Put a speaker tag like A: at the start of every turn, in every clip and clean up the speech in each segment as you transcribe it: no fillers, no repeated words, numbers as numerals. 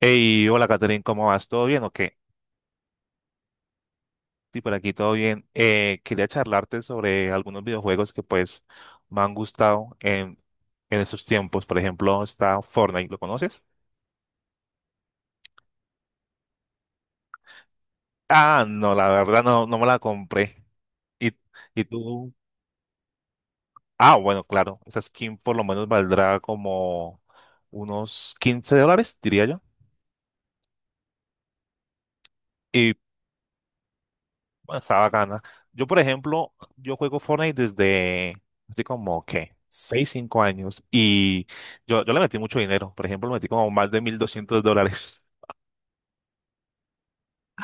A: Hey, hola Catherine, ¿cómo vas? ¿Todo bien o qué? Sí, por aquí todo bien. Quería charlarte sobre algunos videojuegos que pues me han gustado en estos tiempos. Por ejemplo, está Fortnite, ¿lo conoces? Ah, no, la verdad no, no me la compré. ¿Y, y tú? Ah, bueno, claro, esa skin por lo menos valdrá como unos 15 dólares, diría yo. Y bueno, está bacana. Yo, por ejemplo, yo juego Fortnite desde así como, ¿qué? Seis 5 años. Y yo le metí mucho dinero. Por ejemplo, le metí como más de 1.200 dólares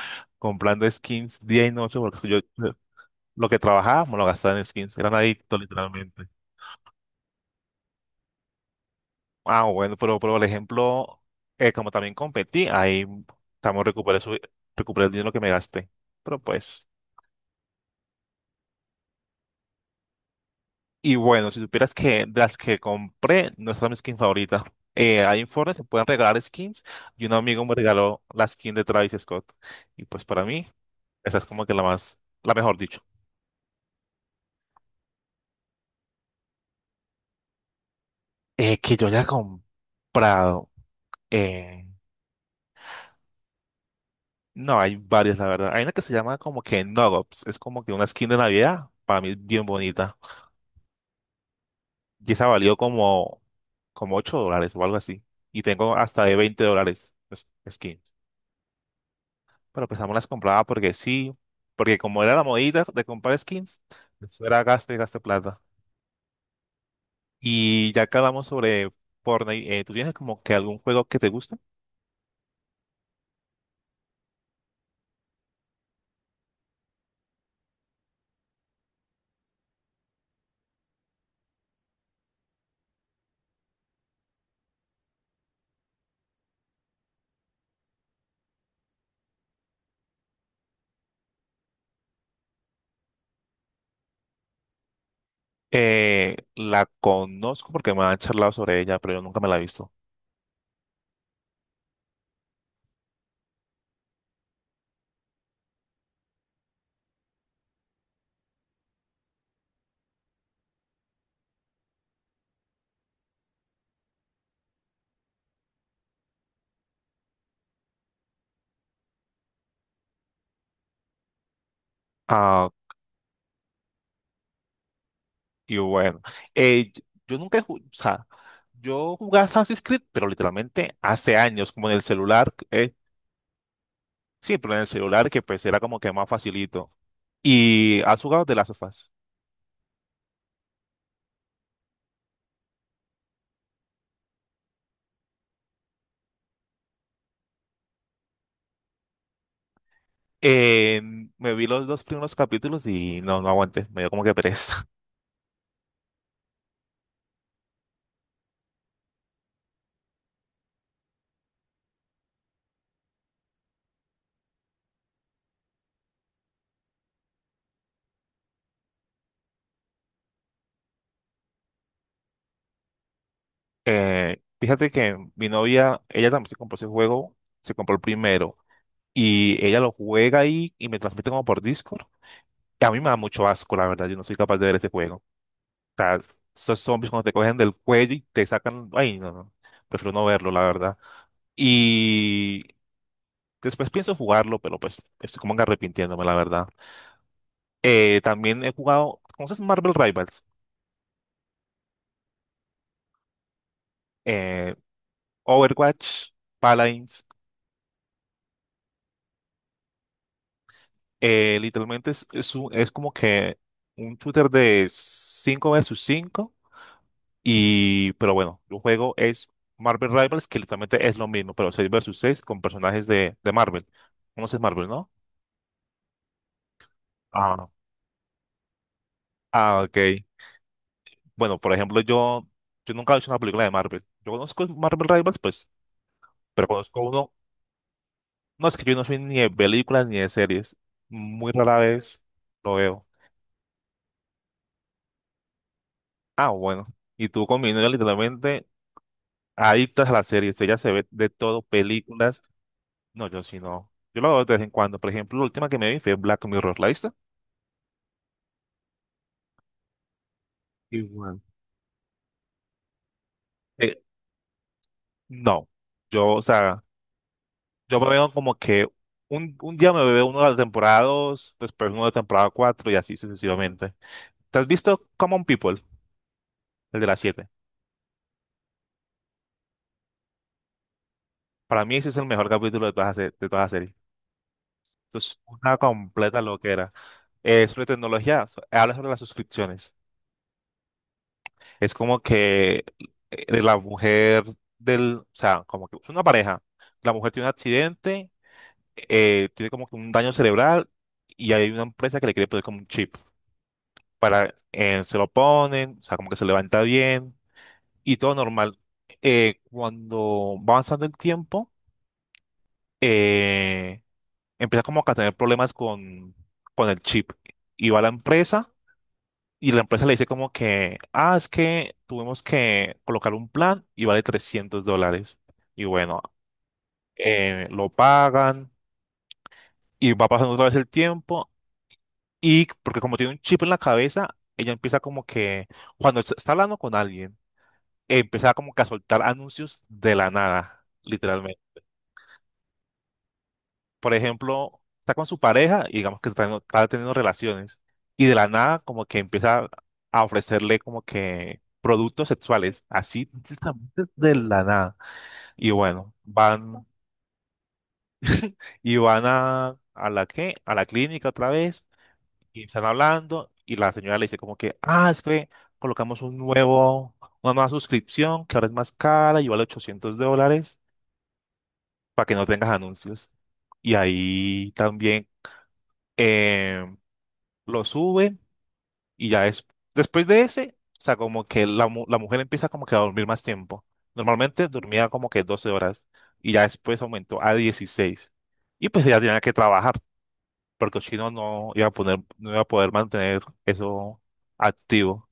A: comprando skins día y noche porque yo lo que trabajaba me lo gastaba en skins. Era un adicto, literalmente. Ah, bueno, pero por ejemplo, como también competí, ahí también recuperé el dinero que me gasté. Pero pues... Y bueno, si supieras que de las que compré no es mi skin favorita. Hay informes, se pueden regalar skins y un amigo me regaló la skin de Travis Scott. Y pues para mí, esa es como que la más, la mejor dicho. Que yo haya comprado. eh, no, hay varias, la verdad. Hay una que se llama como que Nogops. Es como que una skin de Navidad. Para mí es bien bonita. Y esa valió como 8 dólares o algo así. Y tengo hasta de 20 dólares pues, skins. Pero pues también las compraba porque sí, porque como era la modita de comprar skins, eso era gasto y gasto plata. Y ya que hablamos sobre Fortnite, ¿tú tienes como que algún juego que te guste? La conozco porque me han charlado sobre ella, pero yo nunca me la he visto. Ah, y bueno, eh, yo yo nunca he jugado, o sea, yo jugaba Assassin's Creed, pero literalmente hace años, como en el celular, sí, pero en el celular que pues era como que más facilito. ¿Y has jugado de las sofás? Eh, me vi los dos primeros capítulos y no, no aguanté, me dio como que pereza. Fíjate que mi novia, ella también se compró ese juego, se compró el primero y ella lo juega ahí y me transmite como por Discord. Y a mí me da mucho asco, la verdad, yo no soy capaz de ver ese juego. O sea, esos zombies cuando te cogen del cuello y te sacan, ay, no, no, prefiero no verlo, la verdad. Y después pienso jugarlo, pero pues estoy como que arrepintiéndome, la verdad. También he jugado, ¿conoces Marvel Rivals? Eh, Overwatch, Paladins, literalmente es como que un shooter de 5 versus 5 y pero bueno, el juego es Marvel Rivals que literalmente es lo mismo, pero 6 versus 6 con personajes de Marvel. Conoces Marvel, ¿no? Ah, no. Ah, ok. Bueno, por ejemplo, yo nunca he visto una película de Marvel. Yo conozco Marvel Rivals, pues, pero conozco uno. No, es que yo no soy ni de películas ni de series. Muy rara vez lo veo. Ah, bueno. Y tú con mi novia, literalmente. Adictas a las series, ella se ve de todo, películas. No, yo sí no. Yo lo veo de vez en cuando. Por ejemplo, la última que me vi fue Black Mirror, ¿la viste? Igual. Eh, no. Yo, o sea, yo me veo como que un día me veo uno de las temporadas, dos, después uno de la temporada cuatro y así sucesivamente. ¿Te has visto Common People, el de las siete? Para mí ese es el mejor capítulo de toda la serie. Esto es una completa loquera. Sobre tecnología, habla sobre las suscripciones. Es como que la mujer del, o sea, como que es una pareja. La mujer tiene un accidente, tiene como que un daño cerebral y hay una empresa que le quiere poner como un chip para, se lo ponen, o sea, como que se levanta bien y todo normal. Cuando va avanzando el tiempo, eh, empieza como que a tener problemas con el chip y va a la empresa. Y la empresa le dice como que, "Ah, es que tuvimos que colocar un plan y vale 300 dólares." Y bueno, lo pagan y va pasando otra vez el tiempo. Y porque como tiene un chip en la cabeza, ella empieza como que, cuando está hablando con alguien, empieza como que a soltar anuncios de la nada, por ejemplo, está con su pareja y digamos que está teniendo relaciones y de la nada como que empieza a ofrecerle como que productos sexuales, así justamente de la nada. Y bueno, van y van a la qué a la clínica otra vez y están hablando y la señora le dice como que, "Ah, es que colocamos un nuevo una nueva suscripción que ahora es más cara y vale 800 dólares para que no tengas anuncios." Y ahí también eh, lo suben. Y ya es, después de ese, o sea, como que la mujer empieza como que a dormir más tiempo. Normalmente dormía como que 12 horas y ya después aumentó a 16. Y pues ella tenía que trabajar porque si no, no iba a poner, no iba a poder mantener eso activo.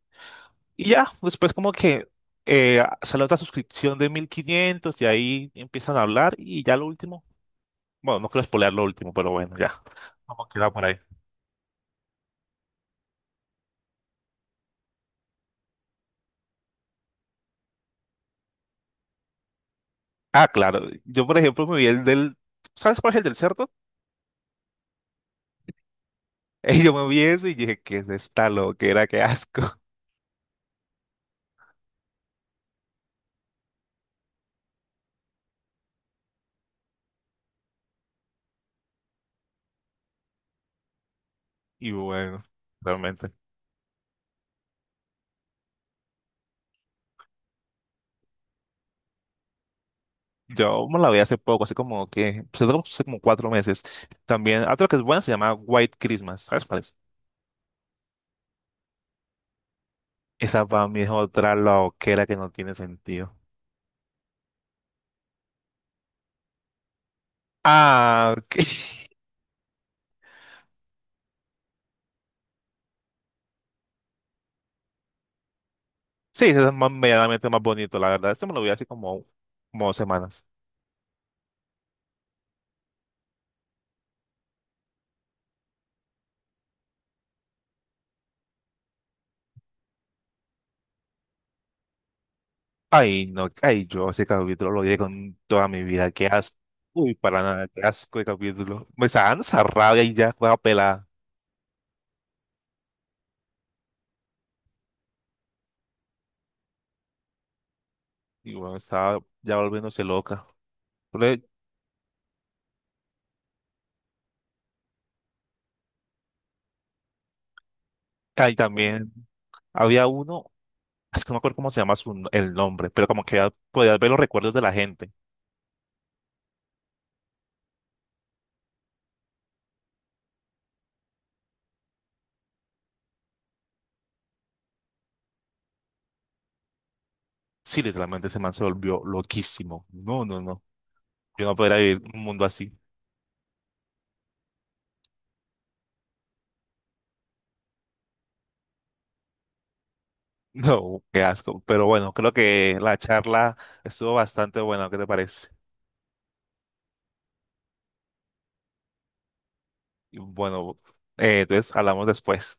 A: Y ya, después como que sale otra suscripción de 1.500 y ahí empiezan a hablar y ya lo último, bueno, no quiero spoilear lo último, pero bueno, ya, como queda por ahí. Ah, claro, yo por ejemplo me vi el del, ¿sabes cuál es el del cerdo? Y yo me vi eso y dije, ¿qué es esta loquera? ¡Qué asco! Y bueno, realmente. Yo me la vi hace poco, hace como que, pues, hace como 4 meses. También, otra que es buena se llama White Christmas. ¿Sabes cuál es? Esa para mí es otra loquera que no tiene sentido. Ah, ok. Sí, ese es más, medianamente más bonito, la verdad. Este me lo vi hace como, 2 semanas. Ay, no, ay, yo ese capítulo lo vi con toda mi vida. Qué asco. Uy, para nada, qué asco de capítulo. Me está dando esa rabia y ya, juega pelada. Y bueno, estaba ya volviéndose loca. Pero, ahí también había uno, es que no me acuerdo cómo se llama su, el nombre, pero como que ya podías ver los recuerdos de la gente. Sí, literalmente ese man se volvió loquísimo. No, no, no. Yo no podría vivir un mundo así. No, qué asco. Pero bueno, creo que la charla estuvo bastante buena, ¿qué te parece? Y bueno, entonces hablamos después.